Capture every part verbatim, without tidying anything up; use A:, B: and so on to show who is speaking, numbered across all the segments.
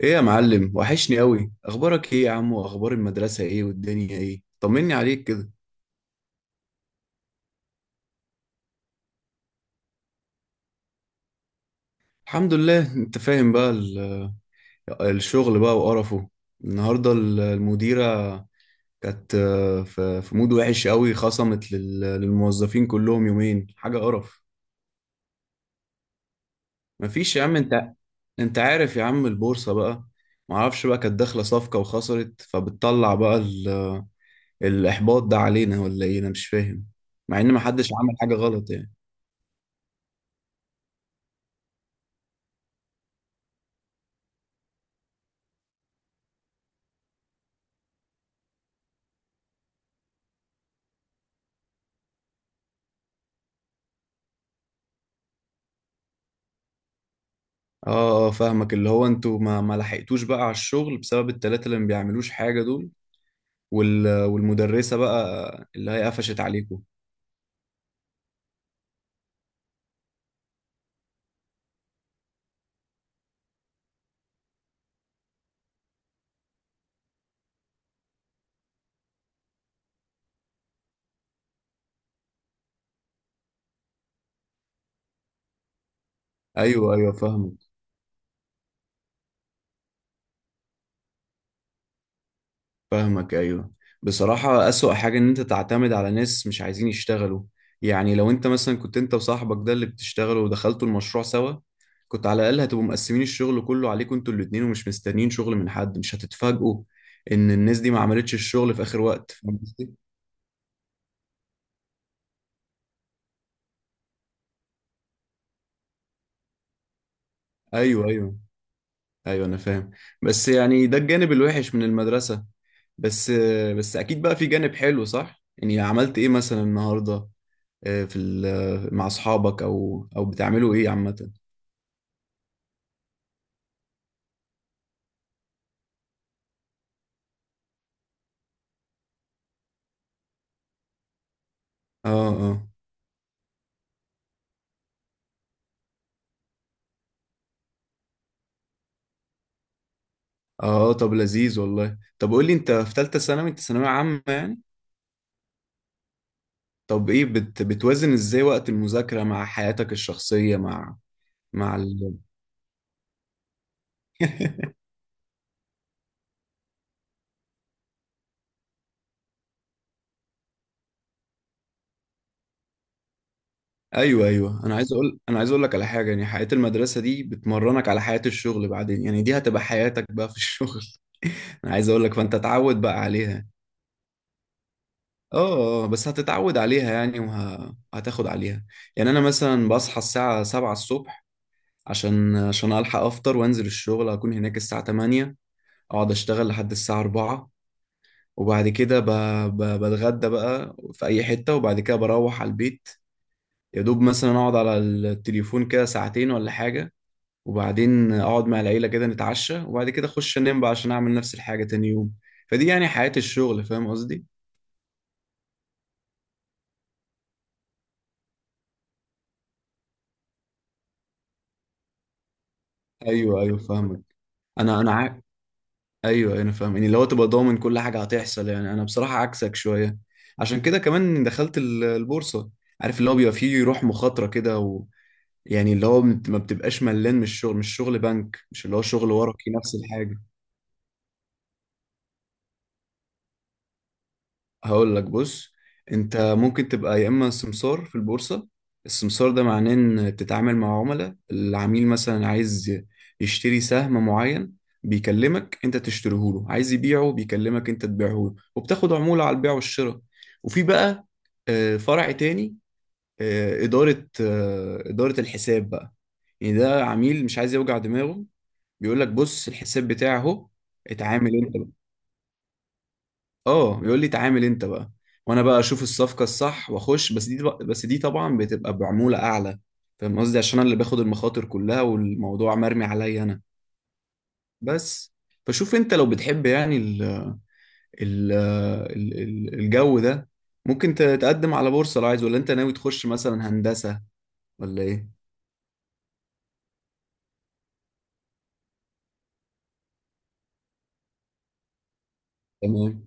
A: ايه يا معلم، وحشني قوي. اخبارك ايه يا عم؟ واخبار المدرسة ايه؟ والدنيا ايه؟ طمني عليك كده. الحمد لله. انت فاهم بقى، ال- الشغل بقى وقرفه. النهاردة ال- المديرة كانت آه، في في مود وحش قوي، خصمت لل- للموظفين كلهم يومين. حاجة قرف. مفيش يا عم. انت، انت عارف يا عم البورصة بقى، معرفش بقى، كانت داخلة صفقة وخسرت، فبتطلع بقى ال- الإحباط ده علينا ولا ايه؟ انا مش فاهم، مع ان محدش عمل حاجة غلط يعني. اه، اه، فاهمك. اللي هو انتوا ما ما لحقتوش بقى على الشغل بسبب التلاتة اللي ما بيعملوش حاجة دول. وال... والمدرسة بقى اللي هي قفشت عليكم. ايوه، ايوه، فاهمك، فاهمك، ايوه. بصراحة أسوأ حاجة ان انت تعتمد على ناس مش عايزين يشتغلوا. يعني لو انت مثلا كنت انت وصاحبك ده اللي بتشتغلوا ودخلتوا المشروع سوا، كنت على الأقل هتبقوا مقسمين الشغل كله عليكم انتوا الاتنين، ومش مستنيين شغل من حد، مش هتتفاجئوا ان الناس دي ما عملتش الشغل في آخر وقت. فاهم قصدي؟ ايوه، ايوه، ايوه انا فاهم. بس يعني ده الجانب الوحش من المدرسة. بس بس اكيد بقى في جانب حلو، صح؟ يعني عملت ايه مثلا النهاردة آه، في ال- مع اصحابك، او او بتعملوا ايه عامة؟ اه، اه، اه، آه، طب لذيذ والله. طب قول لي، انت في ثالثة ثانوي، انت ثانوية عامة يعني. طب ايه، بت بتوازن ازاي وقت المذاكرة مع حياتك الشخصية، مع مع ال... ايوه، ايوه، انا عايز اقول انا عايز اقول لك على حاجه. يعني حياه المدرسه دي بتمرنك على حياه الشغل بعدين. يعني دي هتبقى حياتك بقى في الشغل. انا عايز اقول لك، فانت اتعود بقى عليها. اه، آه، بس هتتعود عليها يعني، وهتاخد عليها. يعني انا مثلا بصحى الساعه سبعة الصبح، عشان عشان الحق افطر وانزل الشغل، اكون هناك الساعه تمانية، اقعد اشتغل لحد الساعه اربعة، وبعد كده ب... ب... بتغدى بقى في اي حته، وبعد كده بروح على البيت. يا دوب مثلا اقعد على التليفون كده ساعتين ولا حاجه، وبعدين اقعد مع العيله كده نتعشى، وبعد كده اخش انام بقى عشان اعمل نفس الحاجه تاني يوم. فدي يعني حياه الشغل، فاهم قصدي؟ ايوه، ايوه، فاهمك. انا انا ع... ايوه انا فاهم. يعني لو تبقى ضامن كل حاجه هتحصل، يعني انا بصراحه عكسك شويه. عشان كده كمان دخلت ال- البورصه. عارف، اللي هو بيبقى فيه روح مخاطره كده و... يعني اللي هو ما بتبقاش ملان من الشغل. مش شغل بنك، مش اللي هو شغل ورقي نفس الحاجه. هقول لك، بص، انت ممكن تبقى يا اما سمسار في البورصه. السمسار ده معناه ان بتتعامل مع عملاء. العميل مثلا عايز يشتري سهم معين، بيكلمك انت تشتريه له، عايز يبيعه بيكلمك انت تبيعه له، وبتاخد عموله على البيع والشراء. وفي بقى آه، فرع تاني، آه، اداره، آه، اداره الحساب بقى. يعني ده عميل مش عايز يوجع دماغه، بيقول لك بص الحساب بتاعه اهو، اتعامل انت. اه، يقول لي تعامل انت بقى، وانا بقى اشوف الصفقه الصح واخش. بس دي، بس دي طبعا بتبقى بعموله اعلى، فاهم قصدي؟ عشان انا اللي باخد المخاطر كلها والموضوع مرمي عليا انا. بس فشوف انت، لو بتحب يعني ال ال ال ال- الجو ده، ممكن ت- تقدم على بورصه لو عايز، ولا انت ناوي تخش مثلا هندسه، ولا ايه؟ تمام.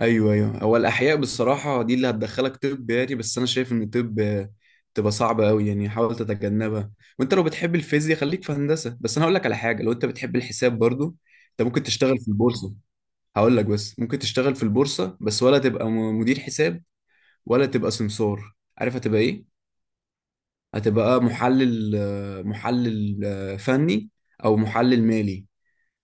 A: ايوه، ايوه. هو الاحياء بالصراحه دي اللي هتدخلك طب يعني. بس انا شايف ان الطب آه، تبقى صعبه قوي يعني، حاول تتجنبها. وانت لو بتحب الفيزياء خليك في هندسه. بس انا هقول لك على حاجه، لو انت بتحب الحساب برضو، انت ممكن تشتغل في البورصه. هقول لك، بس ممكن تشتغل في البورصه. بس ولا تبقى م- مدير حساب، ولا تبقى سمسار. عارف هتبقى ايه؟ هتبقى محلل، آه، محلل، آه، فني، او محلل مالي.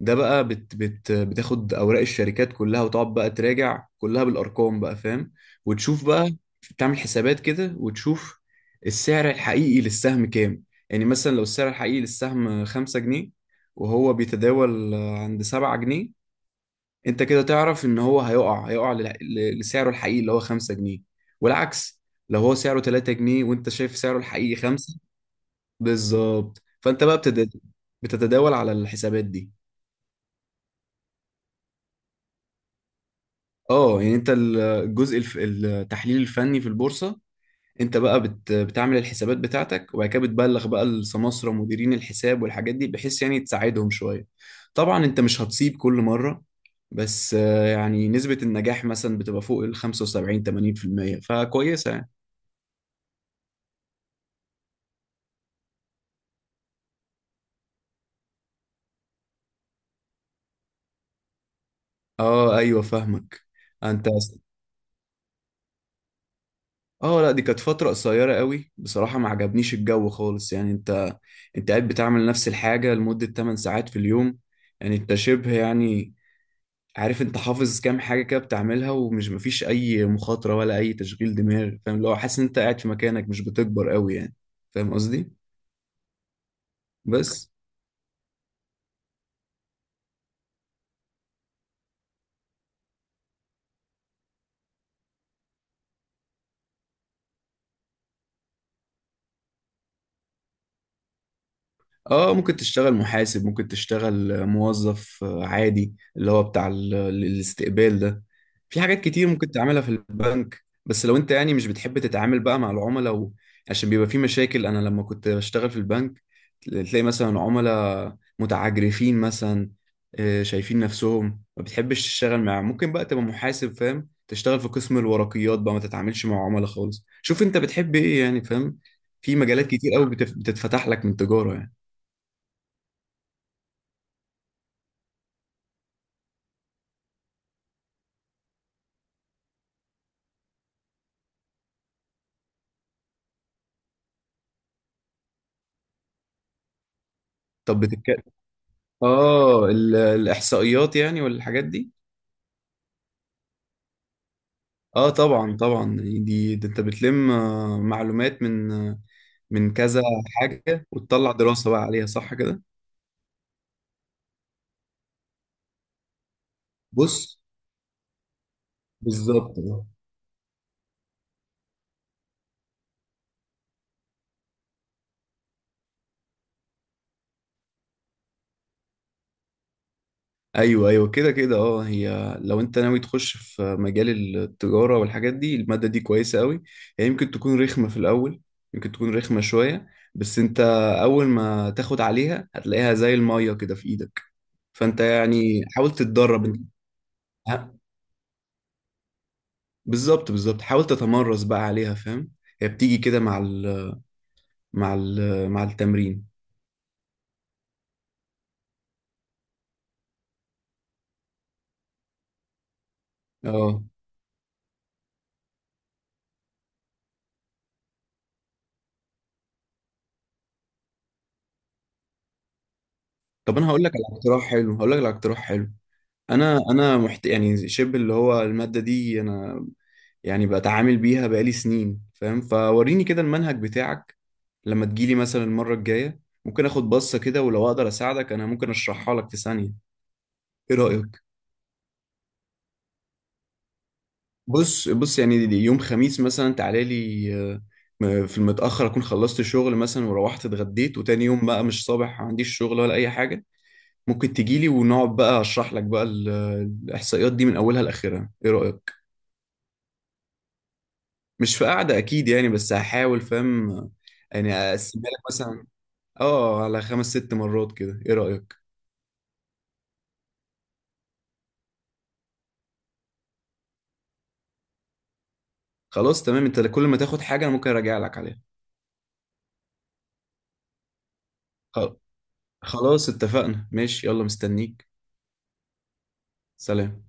A: ده بقى بت بت بتاخد اوراق الشركات كلها، وتقعد بقى تراجع كلها بالارقام بقى، فاهم؟ وتشوف بقى، تعمل حسابات كده، وتشوف السعر الحقيقي للسهم كام. يعني مثلا لو السعر الحقيقي للسهم خمسة جنيه، وهو بيتداول عند سبعة جنيه، انت كده تعرف ان هو هيقع، هيقع لل- ل- لسعره الحقيقي اللي هو خمسة جنيه. والعكس، لو هو سعره تلاتة جنيه، وانت شايف سعره الحقيقي خمسة، بالظبط. فانت بقى بتد- بتتداول على الحسابات دي. اه، يعني انت ال- الجزء الف... التحليل الفني في البورصة. انت بقى بت... بتعمل الحسابات بتاعتك، وبعد كده بتبلغ بقى السماسرة مديرين الحساب والحاجات دي، بحيث يعني تساعدهم شوية. طبعا انت مش هتصيب كل مرة، بس آه، يعني نسبة النجاح مثلا بتبقى فوق ال خمسة وسبعين ثمانين في المية فكويسة يعني. اه، ايوه، فاهمك. انت، اه لا، دي كانت فترة قصيرة قوي بصراحة، ما عجبنيش الجو خالص يعني. انت، انت قاعد بتعمل نفس الحاجة لمدة 8 ساعات في اليوم. يعني انت شبه يعني، عارف، انت حافظ كام حاجه كده بتعملها، ومش مفيش اي مخاطره ولا اي تشغيل دماغ، فاهم؟ اللي هو حاسس ان انت قاعد في مكانك، مش بتكبر قوي يعني. فاهم قصدي؟ بس اه، ممكن تشتغل محاسب، ممكن تشتغل موظف عادي اللي هو بتاع ال- الاستقبال ده. في حاجات كتير ممكن تعملها في البنك. بس لو انت يعني مش بتحب تتعامل بقى مع العملاء و... عشان بيبقى في مشاكل. انا لما كنت بشتغل في البنك، تلاقي مثلا عملاء متعجرفين مثلا، آه، شايفين نفسهم، ما بتحبش تشتغل معاهم، ممكن بقى تبقى محاسب، فاهم، تشتغل في قسم الورقيات بقى، ما تتعاملش مع عملاء خالص. شوف انت بتحب ايه يعني، فاهم؟ في مجالات كتير قوي بتف... بتتفتح لك من تجارة يعني. طب بتتكلم، اه ال... الاحصائيات يعني والحاجات دي. اه طبعا، طبعا. دي، ده انت بتلم آه، معلومات من آه، من كذا حاجة، وتطلع دراسة بقى عليها، صح كده؟ بص، بالظبط آه. ايوه، ايوه، كده كده. اه، هي لو انت ناوي تخش في مجال التجارة والحاجات دي، المادة دي كويسة قوي. هي يمكن تكون رخمة في الاول، يمكن تكون رخمة شوية، بس انت اول ما تاخد عليها، هتلاقيها زي المية كده في ايدك. فانت يعني حاول تتدرب انت. ها، بالظبط، بالظبط، حاول تتمرس بقى عليها، فاهم؟ هي بتيجي كده مع ال مع ال- مع التمرين. اه، طب انا هقول لك على اقتراح حلو، هقول لك على اقتراح حلو. انا انا محت... يعني شبه اللي هو المادة دي انا يعني بتعامل بيها بقالي سنين، فاهم؟ فوريني كده المنهج بتاعك لما تجيلي مثلا المرة الجاية، ممكن اخد بصة كده، ولو اقدر اساعدك انا، ممكن اشرحها لك في ثانية. ايه رأيك؟ بص، بص، يعني دي- يوم خميس مثلا تعالى لي، آه، م- في المتأخر، اكون خلصت شغل مثلا، وروحت اتغديت، وتاني يوم بقى مش صابح عنديش شغل ولا اي حاجة، ممكن تجيلي، ونقعد بقى اشرح لك بقى ال- الاحصائيات دي من اولها لاخرها. ايه رايك؟ مش في قعده اكيد يعني، بس هحاول، فاهم؟ يعني اقسمها لك مثلا اه على خمس ست مرات كده، ايه رايك؟ خلاص تمام. انت كل ما تاخد حاجه انا ممكن اراجع لك عليها. خ- خلاص، اتفقنا. ماشي، يلا مستنيك. سلام.